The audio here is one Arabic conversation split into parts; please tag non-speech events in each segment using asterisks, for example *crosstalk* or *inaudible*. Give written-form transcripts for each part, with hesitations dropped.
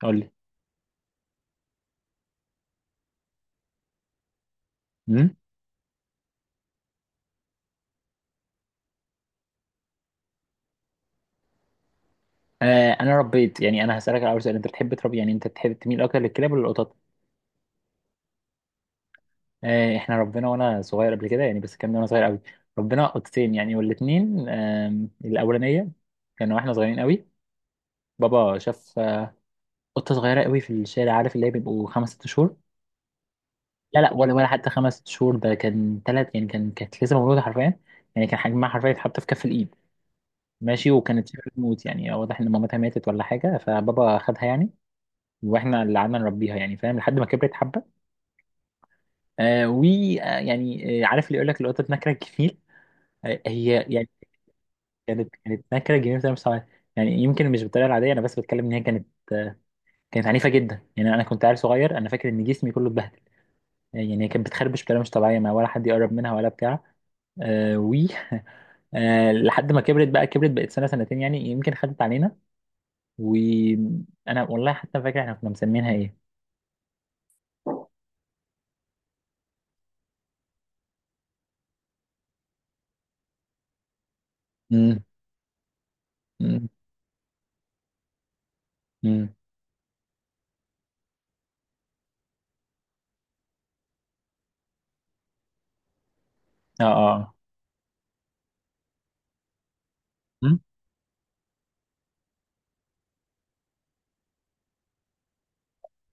قول لي. امم انا ربيت، يعني انا هسالك الاول سؤال، انت بتحب تربي، يعني انت بتحب تميل اكتر للكلاب ولا القطط؟ احنا ربنا وانا صغير قبل كده يعني، بس كان وانا صغير قوي. ربنا قطتين يعني، والاثنين الاولانيه كانوا واحنا صغيرين قوي. بابا شاف قطه صغيره قوي في الشارع، عارف اللي هي بيبقوا خمس ست شهور. لا، لا، ولا حتى خمس ست شهور، ده كان ثلاث يعني، كانت لسه مولوده حرفيا. يعني كان حجمها حرفيا يتحط في كف الايد. ماشي، وكانت شبه بتموت، يعني واضح ان مامتها ماتت ولا حاجه، فبابا خدها يعني. واحنا اللي قعدنا نربيها يعني، فاهم، لحد ما كبرت حبه. آه ويعني آه يعني، آه، عارف اللي يقول لك القطه نكره الجميل. هي يعني كانت نكره جميل بطريقه مش طبيعية. يعني يمكن مش بالطريقه العاديه، انا بس بتكلم ان هي كانت آه كانت عنيفه جدا، يعني انا كنت عيل صغير، انا فاكر ان جسمي كله اتبهدل. يعني هي كانت بتخربش بطريقه مش طبيعيه، ما ولا حد يقرب منها ولا بتاع. آه و *laughs* لحد ما كبرت بقت سنه سنتين يعني، يمكن خدت علينا. وانا والله حتى فاكر احنا كنا مسمينها ايه. امم امم اه، اه،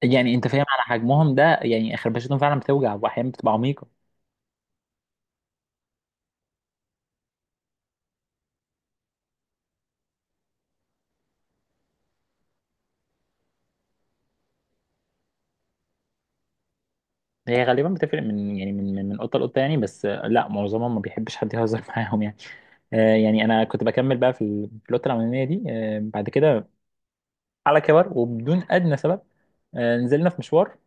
يعني انت فاهم على حجمهم ده، يعني خربشتهم فعلا بتوجع واحيانا بتبقى عميقه. هي غالبا بتفرق من يعني من قطه لقطه يعني، بس لا، معظمهم ما بيحبش حد يهزر *laughs* معاهم يعني. يعني انا كنت بكمل بقى في القطه الاولانيه دي، بعد كده على كبر وبدون ادنى سبب، نزلنا في مشوار،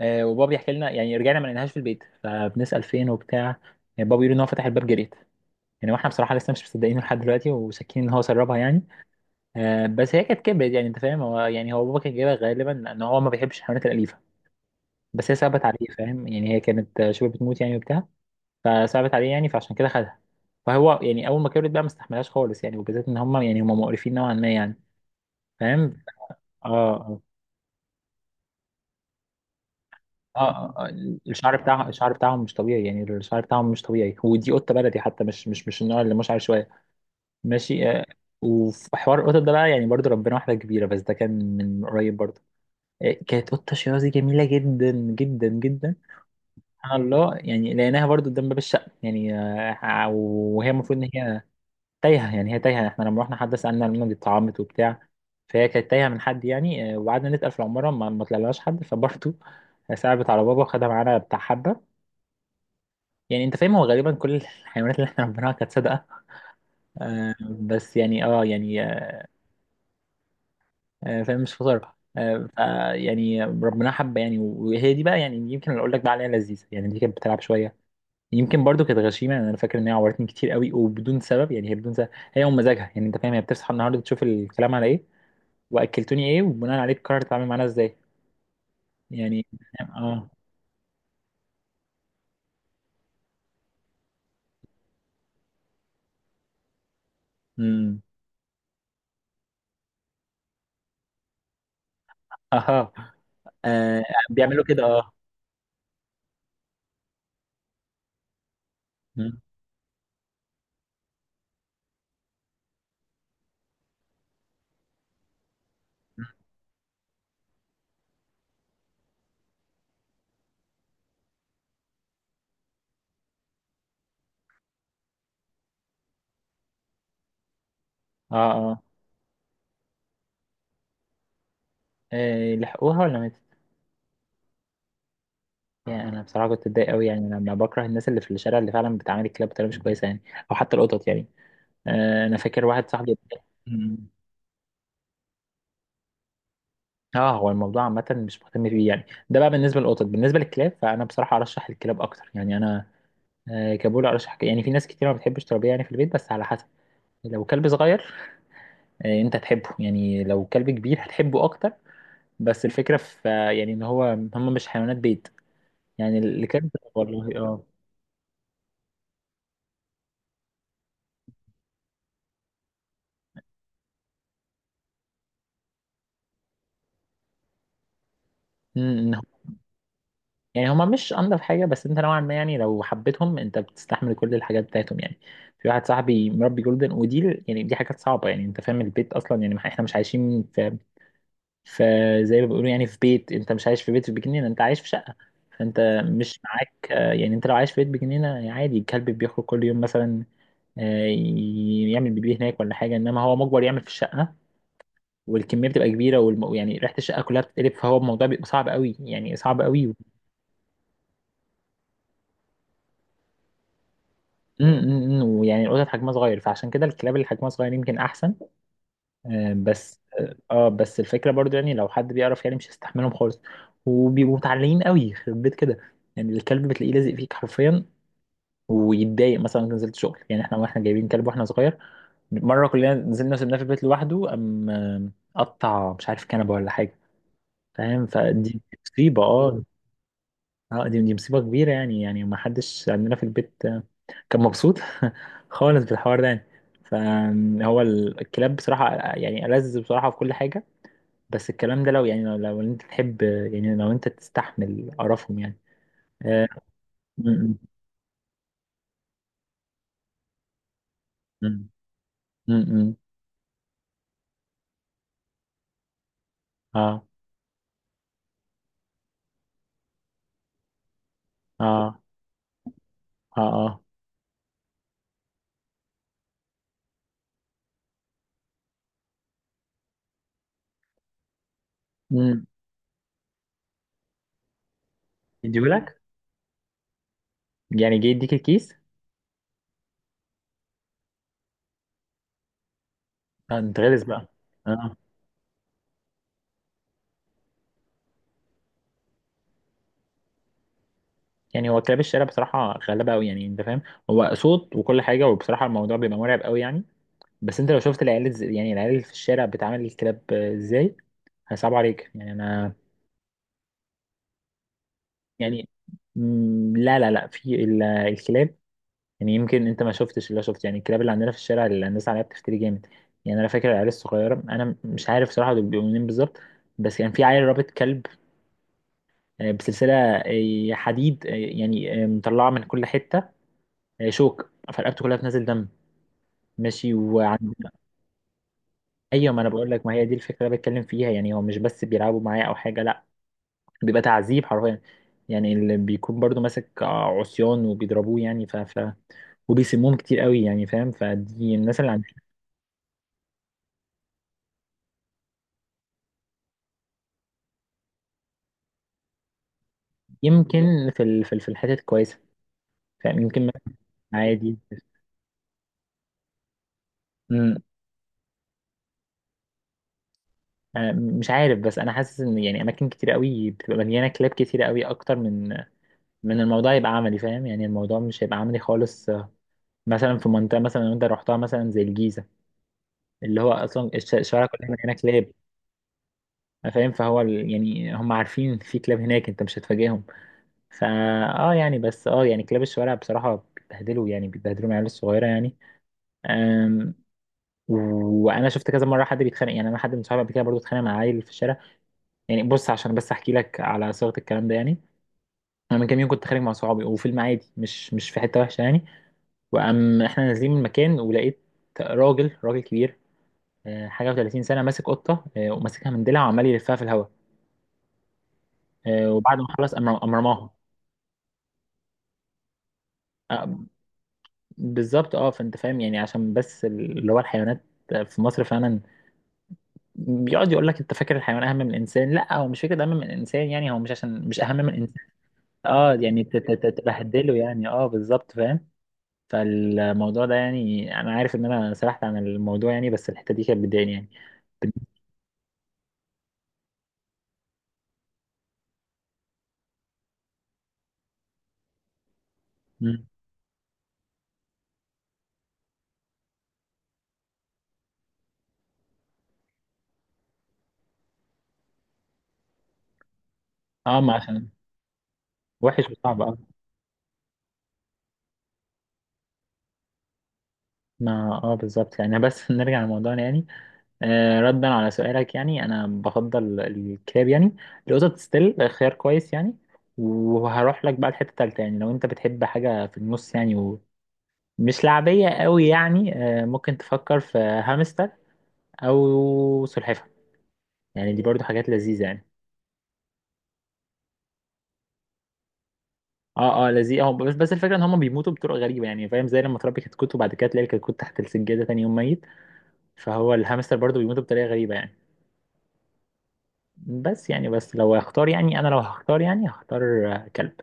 وبابا بيحكي لنا، يعني رجعنا ما لقيناهاش في البيت، فبنسال فين وبتاع. بابا بيقول ان هو فتح الباب جريت، يعني واحنا بصراحه لسه مش مصدقينه لحد دلوقتي، وشاكين ان هو سربها يعني. بس هي كانت كبرت، يعني انت فاهم، هو بابا كان جايبها غالبا، ان هو ما بيحبش الحيوانات الاليفه. بس هي صعبت عليه، فاهم، يعني هي كانت شبه بتموت يعني وبتاع. فصعبت عليه يعني، فعشان كده خدها. فهو يعني اول ما كبرت بقى ما استحملهاش خالص يعني، وبالذات ان هم مقرفين نوعا ما يعني، فاهم. اه، اه، اه، الشعر بتاعهم مش طبيعي، يعني الشعر بتاعهم مش طبيعي. ودي قطه بلدي حتى، مش النوع اللي مش عارف شويه. ماشي. وفي حوار القطط ده بقى يعني، برضو ربنا واحده كبيره، بس ده كان من قريب برضو. كانت قطة شيرازي جميلة جدا جدا جدا. سبحان الله، يعني لقيناها برضو قدام باب الشقة يعني، وهي المفروض إن هي تايهة، يعني هي تايهة، احنا لما رحنا حد سألنا منها، دي اتطعمت وبتاع. فهي كانت تايهة من حد يعني، وقعدنا نسأل في العمارة، ما طلعلهاش حد، فبرضو *laughs* صعبت على بابا وخدها معانا بتاع حبة. يعني انت فاهم، هو غالبا كل الحيوانات اللي احنا ربيناها كانت صادقة. آه، بس يعني اه يعني آه، آه، فاهم مش فطار. يعني ربنا حب يعني، وهي دي بقى يعني، يمكن اللي اقول لك بقى عليها لذيذه يعني، دي كانت بتلعب شويه. يمكن برضو كانت غشيمه يعني، انا فاكر ان هي عورتني كتير قوي وبدون سبب، يعني هي بدون سبب، هي ومزاجها، يعني انت فاهم، هي بتصحى النهارده تشوف الكلام على ايه، واكلتوني ايه، وبناء عليه تقرر تتعامل معانا ازاي يعني. اه، امم اها، آه. بيعملوا كده، اه. مم. اه، اه، لحقوها ولا ماتت؟ يعني انا بصراحه كنت اتضايق قوي يعني، لما بكره الناس اللي في الشارع اللي فعلا بتعامل الكلاب بطريقه مش كويسه يعني، او حتى القطط يعني. انا فاكر واحد صاحبي. مم. اه، هو الموضوع عامة مش مهتم بيه يعني. ده بقى بالنسبة للقطط. بالنسبة للكلاب، فأنا بصراحة أرشح الكلاب أكتر، يعني أنا كبول أرشح يعني، في ناس كتير ما بتحبش تربيه يعني في البيت، بس على حسب. لو كلب صغير أنت تحبه، يعني لو كلب كبير هتحبه أكتر. بس الفكرة في يعني إن هم مش حيوانات بيت، يعني الكلب والله، اه. أمم، إن- يعني هما مش أنضف حاجة، بس أنت نوعا ما يعني، لو حبيتهم أنت بتستحمل كل الحاجات بتاعتهم يعني. في واحد صاحبي مربي جولدن، ودي يعني دي حاجات صعبة، يعني انت فاهم، البيت اصلا يعني احنا مش عايشين في، فزي ما بيقولوا يعني، في بيت، انت مش عايش في بيت في بجنينه، انت عايش في شقه. فانت مش معاك يعني انت لو عايش في بيت بجنينه عادي، الكلب بيخرج كل يوم مثلا، يعمل بيبي هناك ولا حاجه، انما هو مجبر يعمل في الشقه. والكميه بتبقى كبيره، يعني ريحه الشقه كلها بتتقلب، فهو الموضوع بيبقى صعب قوي، يعني صعب قوي. م- م- م، ويعني القطط حجمها صغير، فعشان كده الكلاب اللي حجمها صغير يمكن احسن. آه، بس اه آه، بس الفكره برضو يعني، لو حد بيعرف يعني مش هيستحملهم خالص. وبيبقوا متعلقين قوي يخرب بيت كده، يعني الكلب بتلاقيه لازق فيك حرفيا، ويتضايق مثلا لو نزلت شغل يعني. احنا جايبين كلب واحنا صغير، مره كلنا نزلنا سيبناه في البيت لوحده، قام قطع مش عارف كنبه ولا حاجه، فاهم، فدي مصيبه، اه. اه، دي مصيبه كبيره، يعني ما حدش عندنا في البيت كان مبسوط *laughs* خالص بالحوار ده يعني. فهو الكلاب بصراحه يعني ألذ بصراحه في كل حاجه. بس الكلام ده لو يعني، لو انت تحب، يعني لو انت تستحمل قرفهم يعني، اه. م- م- م- م- م. اه، اه، اه، اه. م. يديهولك؟ يعني جه يديك الكيس؟ انت غلس بقى. اه. يعني هو كلاب الشارع بصراحة غلابة قوي يعني، انت فاهم، هو صوت وكل حاجة، وبصراحة الموضوع بيبقى مرعب قوي يعني. بس انت لو شفت يعني العيال اللي في الشارع بتعامل الكلاب ازاي، هصعب عليك، يعني انا. يعني، لا، لا، لا، في الكلاب يعني، يمكن انت ما شفتش اللي أنا شفته، يعني الكلاب اللي عندنا في الشارع اللي الناس عليها بتفتري جامد. يعني انا فاكر العيال الصغيره، انا مش عارف صراحه دول بيبقوا منين بالظبط، بس كان يعني في عيل رابط كلب بسلسله حديد، مطلعه من كل حته شوك فرقبته كلها بتنزل دم. ماشي، وعند *laughs* ايوه، ما انا بقول لك، ما هي دي الفكره اللي بتكلم فيها يعني، هو مش بس بيلعبوا معايا او حاجه، لا، بيبقى تعذيب حرفيا. يعني اللي بيكون برضو ماسك عصيان وبيضربوه يعني، وبيسموهم كتير قوي يعني، فاهم، فدي الناس اللي يمكن في الحتت الكويسه، فاهم، يمكن مثلا عادي. مم. مش عارف، بس انا حاسس ان يعني اماكن كتير قوي بتبقى مليانه كلاب كتير قوي، اكتر من الموضوع يبقى عملي، فاهم، يعني الموضوع مش هيبقى عملي خالص. مثلا في منطقه مثلا لو انت رحتها مثلا زي الجيزه، اللي هو اصلا الشوارع كلها مليانه كلاب، فاهم، فهو يعني هم عارفين في كلاب هناك، انت مش هتفاجئهم. فا اه، يعني بس اه يعني كلاب الشوارع بصراحه بيتبهدلوا، يعني بيتبهدلوا العيال الصغيره يعني. آمم، وانا شفت كذا مره حد بيتخانق، يعني انا حد من صحابي قبل كده برضه اتخانق مع عيل في الشارع. يعني بص، عشان بس احكي لك على صيغه الكلام ده يعني، انا من كام يوم كنت خارج مع صحابي وفي المعادي، مش في حته وحشه يعني. وقام احنا نازلين من المكان ولقيت راجل، راجل كبير حاجه و30 سنه ماسك قطه، وماسكها من ديلها، وعمال يلفها في الهواء. وبعد ما خلص، قام رماها. آه، بالظبط، اه، فانت فاهم يعني، عشان بس اللي هو الحيوانات في مصر فعلا، بيقعد يقول لك انت فاكر الحيوان اهم من الانسان، لا هو مش فكره اهم من الانسان يعني، هو مش عشان مش اهم من الانسان، اه يعني تبهدله يعني، اه بالظبط، فاهم. فالموضوع ده يعني انا عارف ان انا سرحت عن الموضوع يعني، بس الحته دي كانت بتضايقني يعني، بت- مم. اه، ما عشان وحش وصعب، اه. ما اه بالظبط يعني، بس *laughs* نرجع لموضوعنا يعني. ردا على سؤالك، يعني انا بفضل الكلاب يعني، القطط ستيل خيار كويس يعني، وهروح لك بقى الحته التالته يعني، لو انت بتحب حاجه في النص يعني، ومش لعبيه قوي يعني، ممكن تفكر في هامستر او سلحفاه، يعني دي برضو حاجات لذيذة يعني. اه، اه، لذيذ، اه، بس الفكرة ان هم بيموتوا بطرق غريبة يعني، فاهم، زي لما تربي كتكوت وبعد كده تلاقي الكتكوت تحت السجادة تاني يوم ميت، فهو الهامستر برضو بيموتوا بطريقة غريبة يعني. بس لو هختار يعني، انا لو هختار يعني، هختار كلب